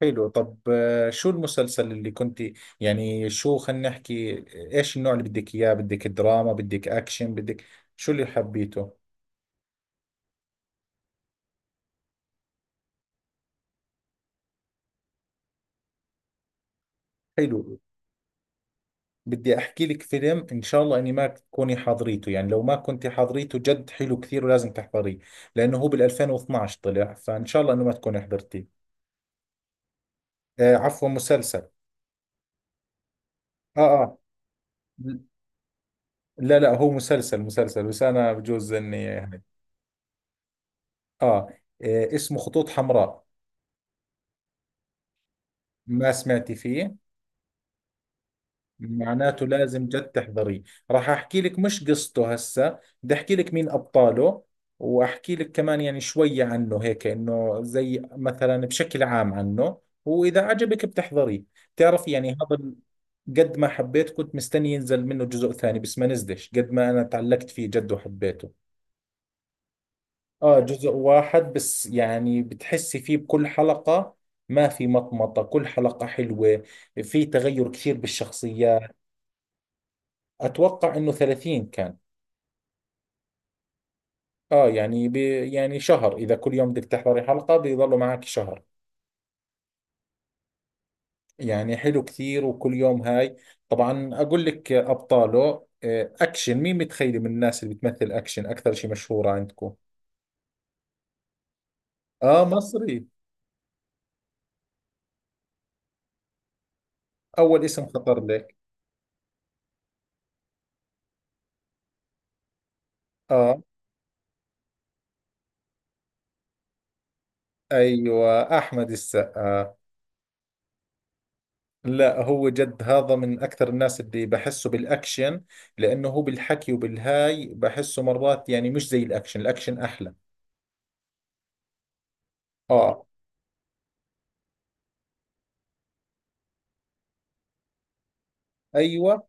حلو. طب، شو المسلسل اللي كنت يعني، شو؟ خلينا نحكي. ايش النوع اللي بدك اياه؟ بدك دراما؟ بدك اكشن؟ بدك شو اللي حبيته؟ حلو. بدي احكي لك فيلم، ان شاء الله اني ما تكوني حاضريته، يعني لو ما كنت حاضريته جد حلو كثير ولازم تحضريه. لانه هو بال 2012 طلع، فان شاء الله انه ما تكوني حضرتيه. آه، عفوا، مسلسل. اه اه. لا لا، هو مسلسل مسلسل، بس انا بجوز اني آه. اسمه خطوط حمراء. ما سمعتي فيه؟ معناته لازم جد تحضريه. راح احكي لك مش قصته، هسه بدي احكي لك مين ابطاله، واحكي لك كمان يعني شوية عنه هيك، انه زي مثلا بشكل عام عنه، واذا عجبك بتحضريه. بتعرف يعني هذا قد ما حبيت كنت مستني ينزل منه جزء ثاني بس ما نزلش، قد ما انا تعلقت فيه جد وحبيته. اه، جزء واحد بس، يعني بتحسي فيه بكل حلقة، ما في مطمطة، كل حلقة حلوة. في تغير كثير بالشخصيات. اتوقع انه 30 كان. اه، يعني يعني شهر، اذا كل يوم بدك تحضري حلقة بيضلوا معك شهر. يعني حلو كثير وكل يوم هاي. طبعا اقول لك ابطاله. اكشن، مين متخيلي من الناس اللي بتمثل اكشن اكثر شيء مشهورة عندكم؟ اه مصري. اول اسم خطر لك. اه، ايوه، احمد السقا. لا هو جد هذا من اكثر الناس اللي بحسه بالاكشن، لانه هو بالحكي وبالهاي بحسه مرات، يعني مش زي الاكشن، الاكشن احلى. اه، ايوه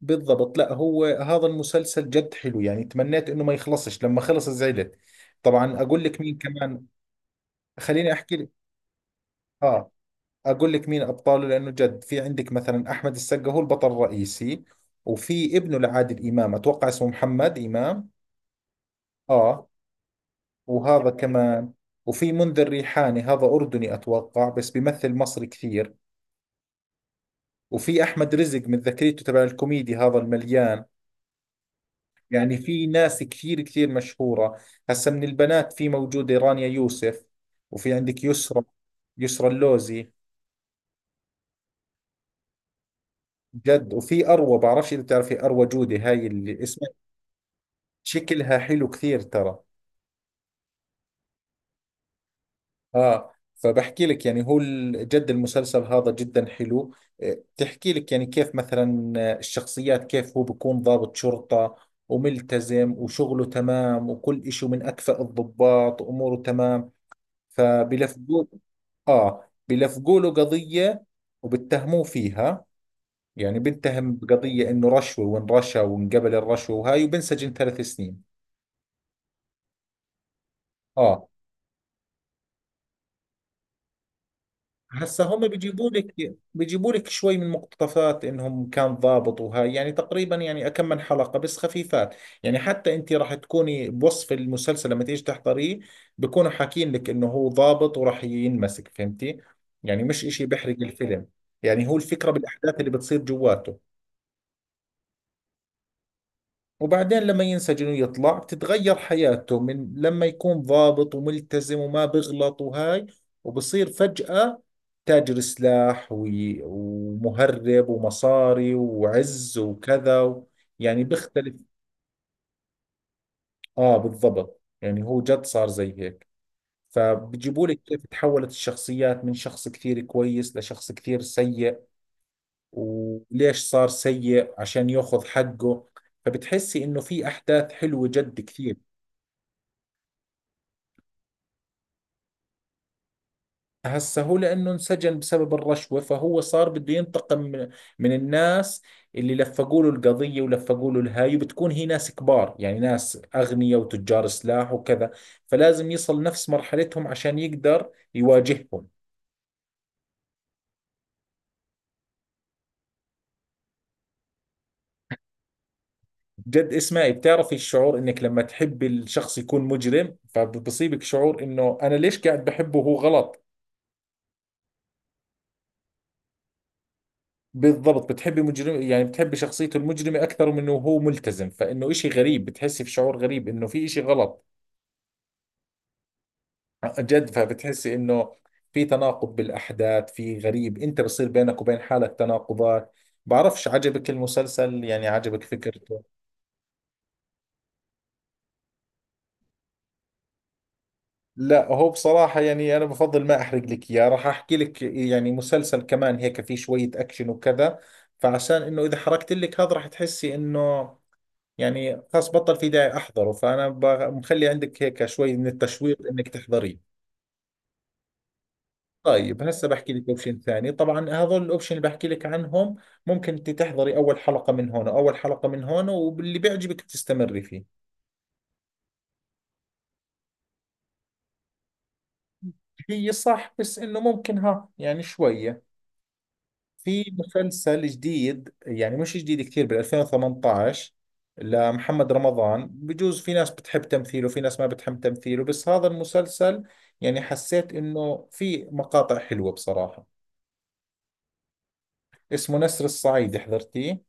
بالضبط. لا هو هذا المسلسل جد حلو، يعني تمنيت انه ما يخلصش، لما خلص زعلت. طبعا اقول لك مين كمان. خليني احكي لك. اه، اقول لك مين ابطاله، لانه جد في عندك مثلا احمد السقا هو البطل الرئيسي. وفي ابنه لعادل امام، اتوقع اسمه محمد امام. اه، وهذا كمان. وفي منذر ريحاني، هذا اردني اتوقع بس بيمثل مصري كثير. وفي احمد رزق، من ذاكريته تبع الكوميدي هذا المليان. يعني في ناس كثير كثير مشهورة. هسا من البنات في موجودة رانيا يوسف، وفي عندك يسرا. يسرا اللوزي. جد، وفي أروى، بعرفش إذا بتعرفي أروى جودي، هاي اللي اسمها. شكلها حلو كثير ترى. آه، فبحكي لك يعني هو جد المسلسل هذا جدا حلو. إيه، بتحكي لك يعني كيف مثلا الشخصيات، كيف هو بيكون ضابط شرطة وملتزم وشغله تمام وكل إشي، من أكفأ الضباط وأموره تمام، فبلفظوه. آه، بيلفقوا له قضية وبتهموه فيها. يعني بنتهم بقضية، إنه رشوة وإن رشى وانقبل الرشوة وهاي، وبنسجن 3 سنين. آه. هسا هم بيجيبوا لك شوي من مقتطفات انهم كان ضابط وهاي، يعني تقريبا يعني كم من حلقة بس خفيفات. يعني حتى انت راح تكوني بوصف المسلسل لما تيجي تحضريه، بكونوا حاكين لك انه هو ضابط وراح ينمسك، فهمتي؟ يعني مش اشي بيحرق الفيلم. يعني هو الفكرة بالاحداث اللي بتصير جواته. وبعدين لما ينسجن ويطلع بتتغير حياته، من لما يكون ضابط وملتزم وما بغلط وهاي، وبصير فجأة تاجر سلاح ومهرب ومصاري وعز وكذا و، يعني بيختلف. اه، بالضبط، يعني هو جد صار زي هيك. فبجيبوا لك كيف تحولت الشخصيات من شخص كثير كويس لشخص كثير سيء، وليش صار سيء؟ عشان ياخذ حقه. فبتحسي انه في احداث حلوة جد كثير. هسه هو لأنه انسجن بسبب الرشوة، فهو صار بده ينتقم من الناس اللي لفقوا له القضية ولفقوا له الهاي، وبتكون هي ناس كبار، يعني ناس أغنياء وتجار سلاح وكذا. فلازم يصل نفس مرحلتهم عشان يقدر يواجههم. جد اسمعي، بتعرفي الشعور انك لما تحبي الشخص يكون مجرم فبصيبك شعور انه انا ليش قاعد بحبه وهو غلط. بالضبط، بتحبي مجرم، يعني بتحبي شخصيته المجرمة اكثر من انه هو ملتزم، فانه اشي غريب، بتحسي في شعور غريب انه في اشي غلط. جد فبتحسي انه في تناقض بالاحداث، في غريب، انت بصير بينك وبين حالك تناقضات. بعرفش عجبك المسلسل؟ يعني عجبك فكرته؟ لا هو بصراحة يعني انا بفضل ما احرق لك اياه، راح احكي لك يعني مسلسل كمان هيك في شوية اكشن وكذا. فعشان انه اذا حرقت لك هذا راح تحسي انه يعني خلاص بطل في داعي احضره، فانا مخلي عندك هيك شوي من التشويق انك تحضريه. طيب هسه بحكي لك اوبشن ثاني. طبعا هذول الاوبشن اللي بحكي لك عنهم، ممكن انت تحضري اول حلقة من هون واول حلقة من هون، واللي بيعجبك تستمري فيه. هي صح، بس انه ممكن ها يعني شوية. في مسلسل جديد، يعني مش جديد كثير، بال 2018، لمحمد رمضان. بجوز في ناس بتحب تمثيله في ناس ما بتحب تمثيله، بس هذا المسلسل يعني حسيت انه في مقاطع حلوة بصراحة. اسمه نسر الصعيد. حضرتيه؟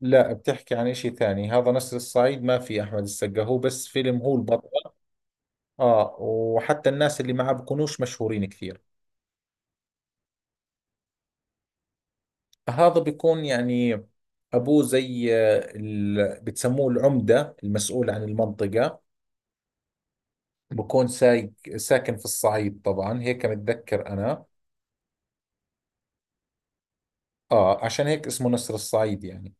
لا بتحكي عن اشي ثاني، هذا نسر الصعيد ما في احمد السقا، هو بس فيلم، هو البطل. اه، وحتى الناس اللي معه بكونوش مشهورين كثير. هذا بيكون يعني ابوه زي بتسموه العمدة، المسؤول عن المنطقة. بكون سايق ساكن في الصعيد، طبعا هيك متذكر انا. اه، عشان هيك اسمه نسر الصعيد يعني.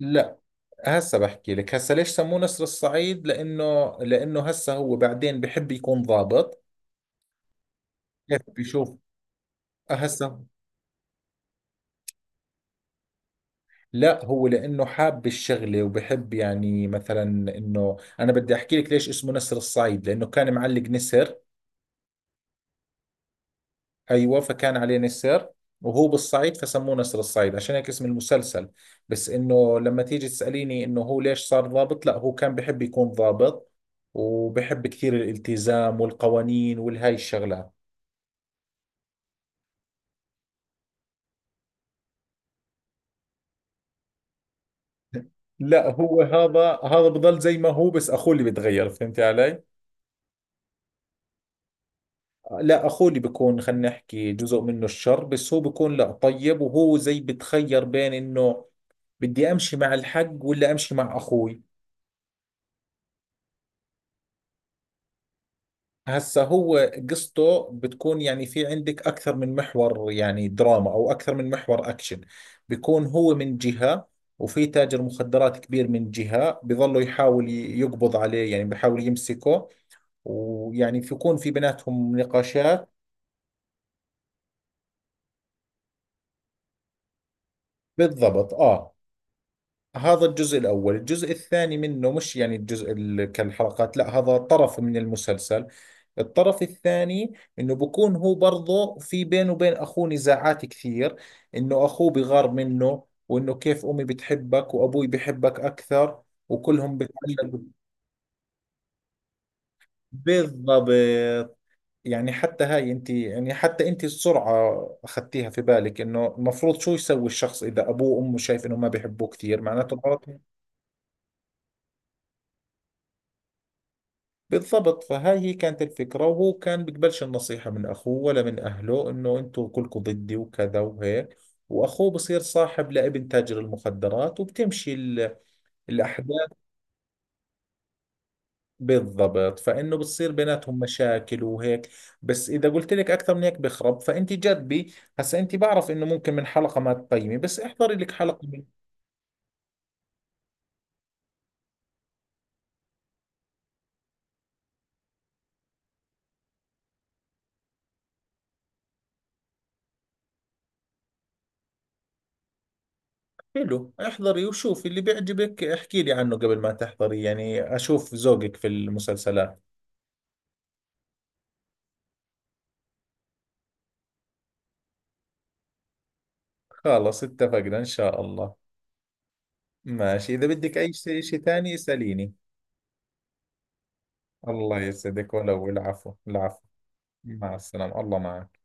لا، هسه بحكي لك هسه ليش سموه نسر الصعيد، لانه هسه هو بعدين بحب يكون ضابط. كيف بيشوف. هسه، لا هو لانه حاب الشغله، وبحب يعني مثلا انه انا بدي احكي لك ليش اسمه نسر الصعيد، لانه كان معلق نسر. ايوه، فكان عليه نسر وهو بالصعيد، فسموه نسر الصعيد، عشان هيك اسم المسلسل. بس انه لما تيجي تساليني انه هو ليش صار ضابط، لا هو كان بحب يكون ضابط وبحب كثير الالتزام والقوانين والهاي الشغلات. لا هو هذا بضل زي ما هو، بس اخوه اللي بتغير، فهمتي علي؟ لا، اخوه اللي بيكون، خلينا نحكي جزء منه الشر بس، هو بيكون لا طيب، وهو زي بتخير بين انه بدي امشي مع الحق ولا امشي مع اخوي. هسا هو قصته بتكون يعني في عندك اكثر من محور، يعني دراما او اكثر من محور اكشن. بيكون هو من جهة، وفي تاجر مخدرات كبير من جهة، بظلوا يحاول يقبض عليه، يعني بيحاول يمسكه. ويعني بيكون في بيناتهم نقاشات. بالضبط اه. هذا الجزء الأول، الجزء الثاني منه مش يعني الجزء كالحلقات، لا هذا طرف من المسلسل. الطرف الثاني، انه بكون هو برضه في بينه وبين اخوه نزاعات كثير، انه اخوه بغار منه، وانه كيف امي بتحبك وابوي بحبك اكثر وكلهم بتعلقوا. بالضبط، يعني حتى هاي انت، يعني حتى انت السرعة اخذتيها في بالك، انه المفروض شو يسوي الشخص اذا ابوه وامه شايف انه ما بيحبوه كثير، معناته الغلط. بالضبط، فهاي هي كانت الفكرة، وهو كان بيقبلش النصيحة من أخوه ولا من أهله، إنه أنتوا كلكم ضدي وكذا وهيك. وأخوه بصير صاحب لابن تاجر المخدرات، وبتمشي الأحداث. بالضبط، فإنه بتصير بيناتهم مشاكل وهيك. بس إذا قلت لك أكثر من هيك بخرب، فأنت جربي. هسا أنت بعرف إنه ممكن من حلقة ما تقيمي، بس احضري لك حلقة من. حلو، احضري وشوفي اللي بيعجبك، احكي لي عنه قبل ما تحضري، يعني أشوف ذوقك في المسلسلات. خلص اتفقنا إن شاء الله. ماشي، إذا بدك أي شيء ثاني اسأليني. الله يسعدك، ولو، العفو العفو. مع السلامة، الله معك.